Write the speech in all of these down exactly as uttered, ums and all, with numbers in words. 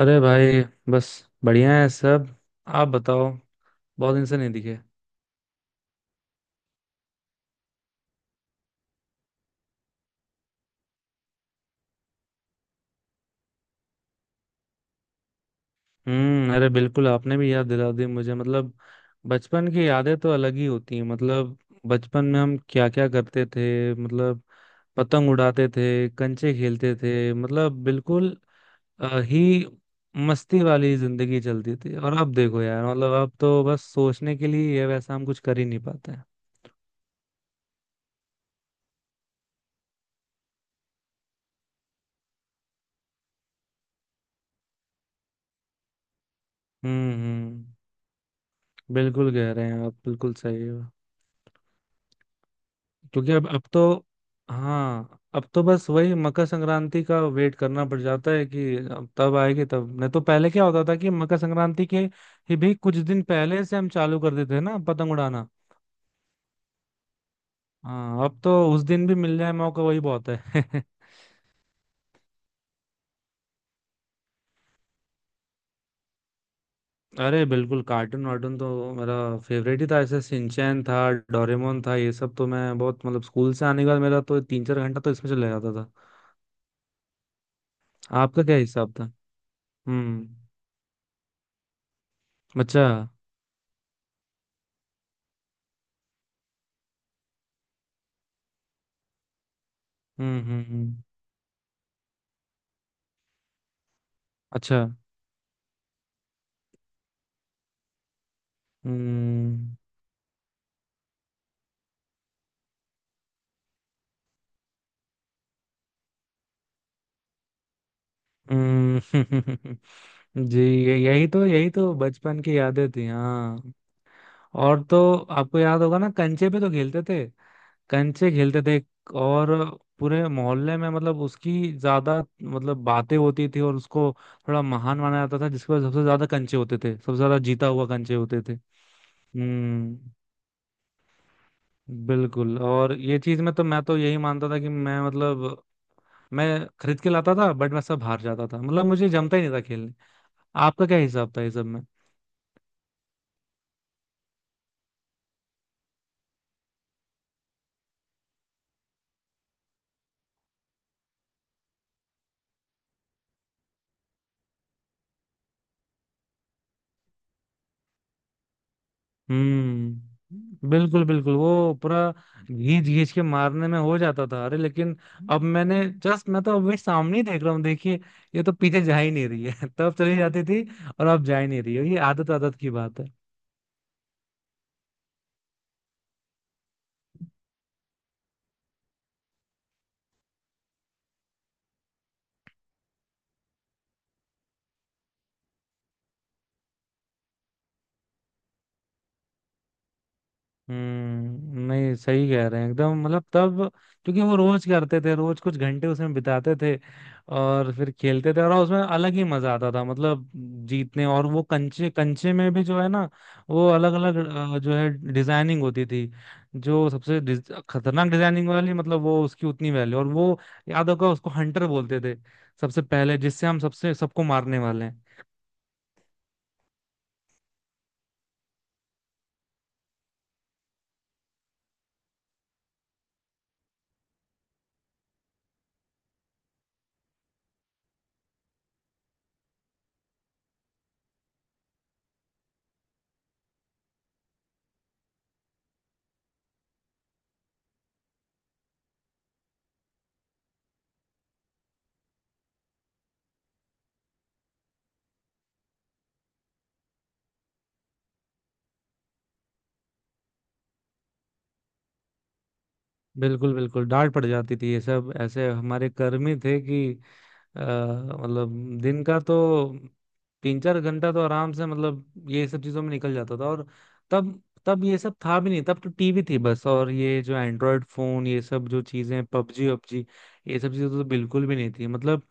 अरे भाई, बस बढ़िया है सब। आप बताओ। बहुत दिन से नहीं दिखे। हम्म। अरे बिल्कुल, आपने भी याद दिला दी मुझे। मतलब बचपन की यादें तो अलग ही होती हैं। मतलब बचपन में हम क्या क्या करते थे। मतलब पतंग उड़ाते थे, कंचे खेलते थे, मतलब बिल्कुल अ, ही मस्ती वाली जिंदगी चलती थी। और अब देखो यार, मतलब अब तो बस सोचने के लिए ये वैसा, हम कुछ कर ही नहीं पाते हैं। हम्म, हम्म। बिल्कुल कह रहे हैं आप, बिल्कुल सही है। क्योंकि अब अब तो, हाँ अब तो बस वही मकर संक्रांति का वेट करना पड़ जाता है कि अब तब आएगी तब नहीं। तो पहले क्या होता था कि मकर संक्रांति के ही भी कुछ दिन पहले से हम चालू कर देते हैं ना पतंग उड़ाना। हाँ अब तो उस दिन भी मिल जाए मौका, वही बहुत है। अरे बिल्कुल। कार्टून वार्टून तो मेरा फेवरेट ही था। ऐसे सिंचैन था, डोरेमोन था, ये सब तो मैं बहुत, मतलब स्कूल से आने के बाद मेरा तो तीन चार घंटा तो इसमें चला जाता था। आपका क्या हिसाब था? हम्म। अच्छा। हम्म, हम्म, हम्म। अच्छा। हम्म, हम्म। जी, ये- यही तो, यही तो बचपन की यादें थी। हाँ। और तो, आपको याद होगा ना, कंचे पे तो खेलते थे। कंचे खेलते थे। और पूरे मोहल्ले में मतलब उसकी ज्यादा मतलब बातें होती थी और उसको थोड़ा महान माना जाता था जिसके पास सबसे ज्यादा कंचे होते थे, सबसे ज्यादा जीता हुआ कंचे होते थे। हम्म। बिल्कुल। और ये चीज में तो मैं तो यही मानता था कि मैं, मतलब मैं खरीद के लाता था बट मैं सब हार जाता था, मतलब मुझे जमता ही नहीं था। आपका क्या हिसाब था इस सब में? हम्म। बिल्कुल, बिल्कुल, वो पूरा घींच घींच के मारने में हो जाता था। अरे लेकिन अब मैंने जस्ट, मैं तो अभी सामने ही देख रहा हूँ, देखिए, ये तो पीछे जा ही नहीं रही है। तब चली जाती थी, और अब जा ही नहीं रही है। ये आदत आदत की बात है। हम्म। नहीं, सही कह रहे हैं एकदम, मतलब तब, क्योंकि वो रोज करते थे, रोज कुछ घंटे उसमें बिताते थे और फिर खेलते थे और उसमें अलग ही मजा आता था, मतलब जीतने, और वो कंचे कंचे में भी जो है ना, वो अलग अलग जो है डिजाइनिंग होती थी। जो सबसे डिज- खतरनाक डिजाइनिंग वाली, मतलब वो उसकी उतनी वैल्यू। और वो, याद होगा, उसको हंटर बोलते थे। सबसे पहले जिससे हम सबसे सबको मारने वाले हैं। बिल्कुल, बिल्कुल। डांट पड़ जाती थी। ये सब ऐसे हमारे कर्मी थे कि अ, मतलब दिन का तो तीन चार घंटा तो आराम से, मतलब ये सब चीजों में निकल जाता था। और तब तब ये सब था भी नहीं। तब तो टीवी थी बस, और ये जो एंड्रॉयड फोन, ये सब जो चीजें, पबजी वबजी, ये सब चीजें तो बिल्कुल भी नहीं थी। मतलब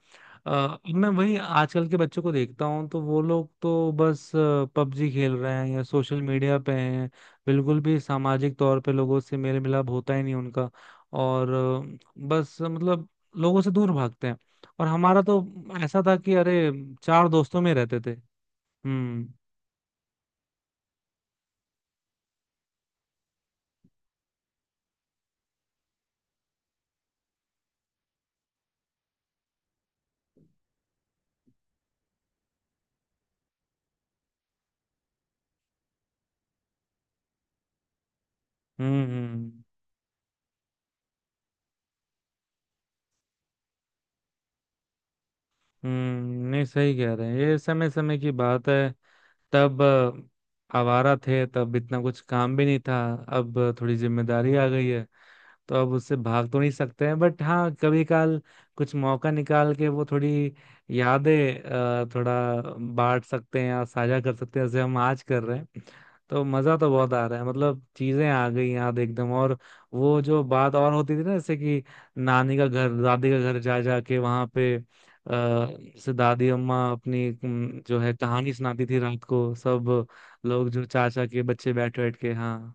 अ, मैं वही आजकल के बच्चों को देखता हूँ तो वो लोग तो बस पबजी खेल रहे हैं या सोशल मीडिया पे हैं। बिल्कुल भी सामाजिक तौर पे लोगों से मेल मिलाप होता ही नहीं उनका। और अ, बस, मतलब लोगों से दूर भागते हैं। और हमारा तो ऐसा था कि अरे, चार दोस्तों में रहते थे। हम्म, हम्म, हम्म, हम्म। नहीं, सही कह रहे हैं। ये समय समय की बात है। तब, अ, आवारा थे, तब इतना कुछ काम भी नहीं था। अब थोड़ी जिम्मेदारी आ गई है, तो अब उससे भाग तो नहीं सकते हैं। बट हाँ, कभी काल कुछ मौका निकाल के वो थोड़ी यादें, अ, थोड़ा बांट सकते हैं या साझा कर सकते हैं, जैसे हम आज कर रहे हैं। तो मजा तो बहुत आ रहा है, मतलब चीजें आ गई याद एकदम। और वो जो बात और होती थी ना, जैसे कि नानी का घर, दादी का घर जा जा के वहां पे अ, जैसे दादी अम्मा अपनी अम, जो है कहानी सुनाती थी रात को, सब लोग, जो चाचा के बच्चे, बैठ बैठ के, हाँ।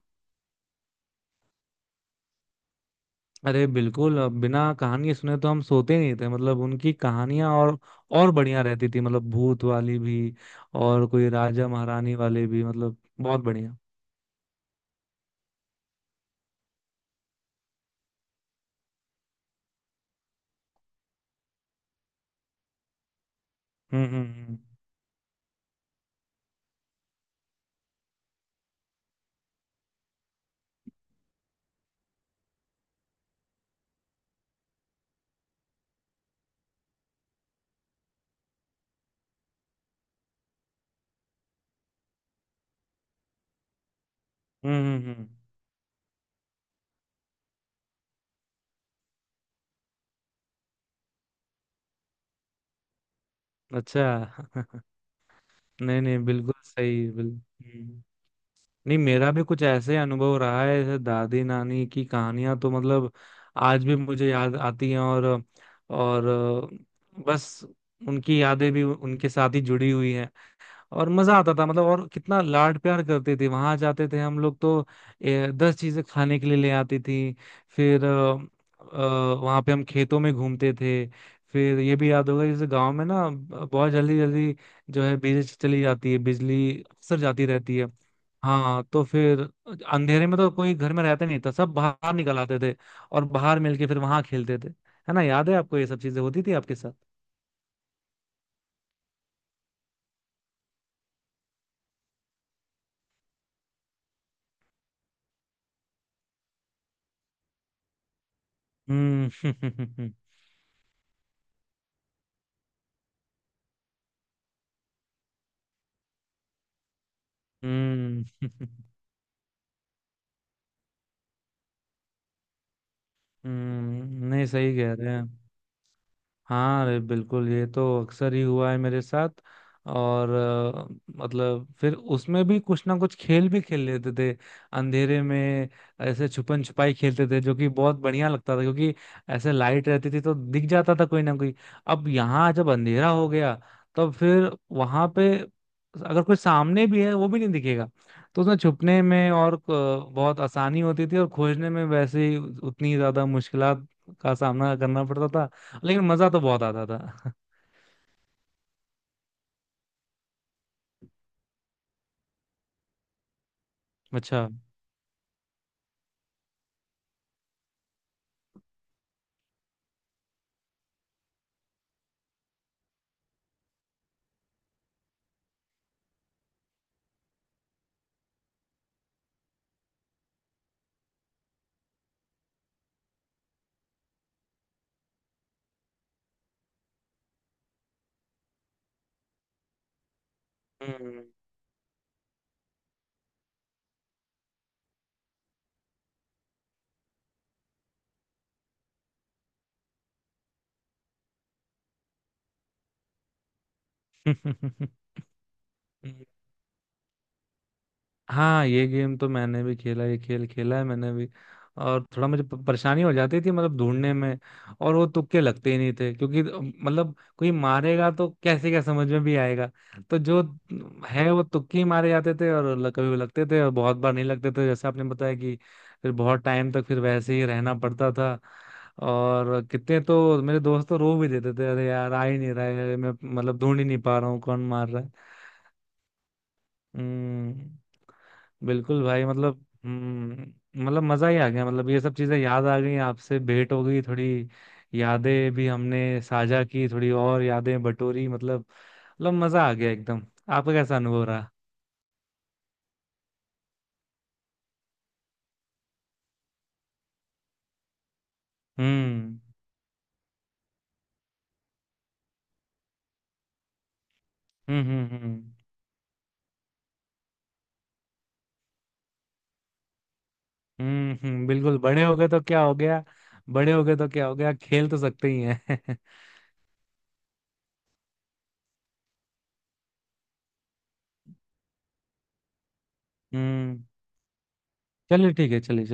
अरे बिल्कुल। अब बिना कहानी सुने तो हम सोते नहीं थे, मतलब उनकी कहानियां और और बढ़िया रहती थी, मतलब भूत वाली भी, और कोई राजा महारानी वाले भी, मतलब बहुत बढ़िया। हम्म, हम्म, हम्म, हम्म, हम्म, हम्म। अच्छा। नहीं, नहीं, बिल्कुल सही, बिल्कुल। हम्म। नहीं, मेरा भी कुछ ऐसे अनुभव रहा है, जैसे दादी नानी की कहानियां तो मतलब आज भी मुझे याद आती हैं। और और बस, उनकी यादें भी उनके साथ ही जुड़ी हुई हैं। और मजा आता था, मतलब, और कितना लाड प्यार करते थे। वहां जाते थे हम लोग तो, ए, दस चीजें खाने के लिए ले आती थी। फिर वहां पे हम खेतों में घूमते थे। फिर ये भी याद होगा, जैसे गांव में ना, ब- बहुत जल्दी जल्दी जो है बिजली चली जाती है। बिजली अक्सर जाती रहती है। हाँ तो फिर अंधेरे में तो कोई घर में रहता नहीं था, सब बाहर निकल आते थे और बाहर मिलके फिर वहां खेलते थे। है ना, याद है आपको ये सब चीजें होती थी आपके साथ? हम्म। हम्म, हम्म। हम्म, नहीं सही कह रहे हैं। हाँ अरे बिल्कुल, ये तो अक्सर ही हुआ है मेरे साथ। और अ, मतलब फिर उसमें भी कुछ ना कुछ खेल भी खेल लेते थे अंधेरे में। ऐसे छुपन छुपाई खेलते थे, जो कि बहुत बढ़िया लगता था, क्योंकि ऐसे लाइट रहती थी तो दिख जाता था कोई ना कोई। अब यहाँ जब अंधेरा हो गया तब फिर वहां पे, अगर कोई सामने भी है, वो भी नहीं दिखेगा। तो उसमें छुपने में और अ, बहुत आसानी होती थी और खोजने में वैसे ही उतनी ज्यादा मुश्किलात का सामना करना पड़ता था। लेकिन मजा तो बहुत आता था। अच्छा। हम्म। हम्म। हाँ ये गेम तो मैंने भी खेला, ये खेल खेला है मैंने भी। और थोड़ा मुझे प- परेशानी हो जाती थी, मतलब ढूंढने में। और वो तुक्के लगते ही नहीं थे, क्योंकि अ, मतलब कोई मारेगा तो कैसे क्या समझ में भी आएगा? तो जो है वो तुक्के ही मारे जाते थे। और ल- कभी वो लगते थे और बहुत बार नहीं लगते थे, जैसे आपने बताया कि फिर बहुत टाइम तक फिर वैसे ही रहना पड़ता था। और कितने तो मेरे दोस्त तो रो भी देते थे, अरे यार आ ही नहीं रहा है, मैं मतलब ढूंढ ही नहीं पा रहा हूँ कौन मार रहा है। हम्म। बिल्कुल भाई, मतलब हम्म। मतलब मजा ही आ गया, मतलब ये सब चीजें याद आ गई, आपसे भेंट हो गई थोड़ी, यादें भी हमने साझा की थोड़ी और यादें बटोरी, मतलब, मतलब मजा आ गया एकदम। आपका कैसा अनुभव रहा? हम्म, हम्म, हम्म, हम्म, हम्म, हम्म। बिल्कुल, बड़े हो गए तो क्या हो गया? बड़े हो गए तो क्या हो गया, खेल तो सकते ही हैं। हम्म। चलिए ठीक है, चलिए, चलिए।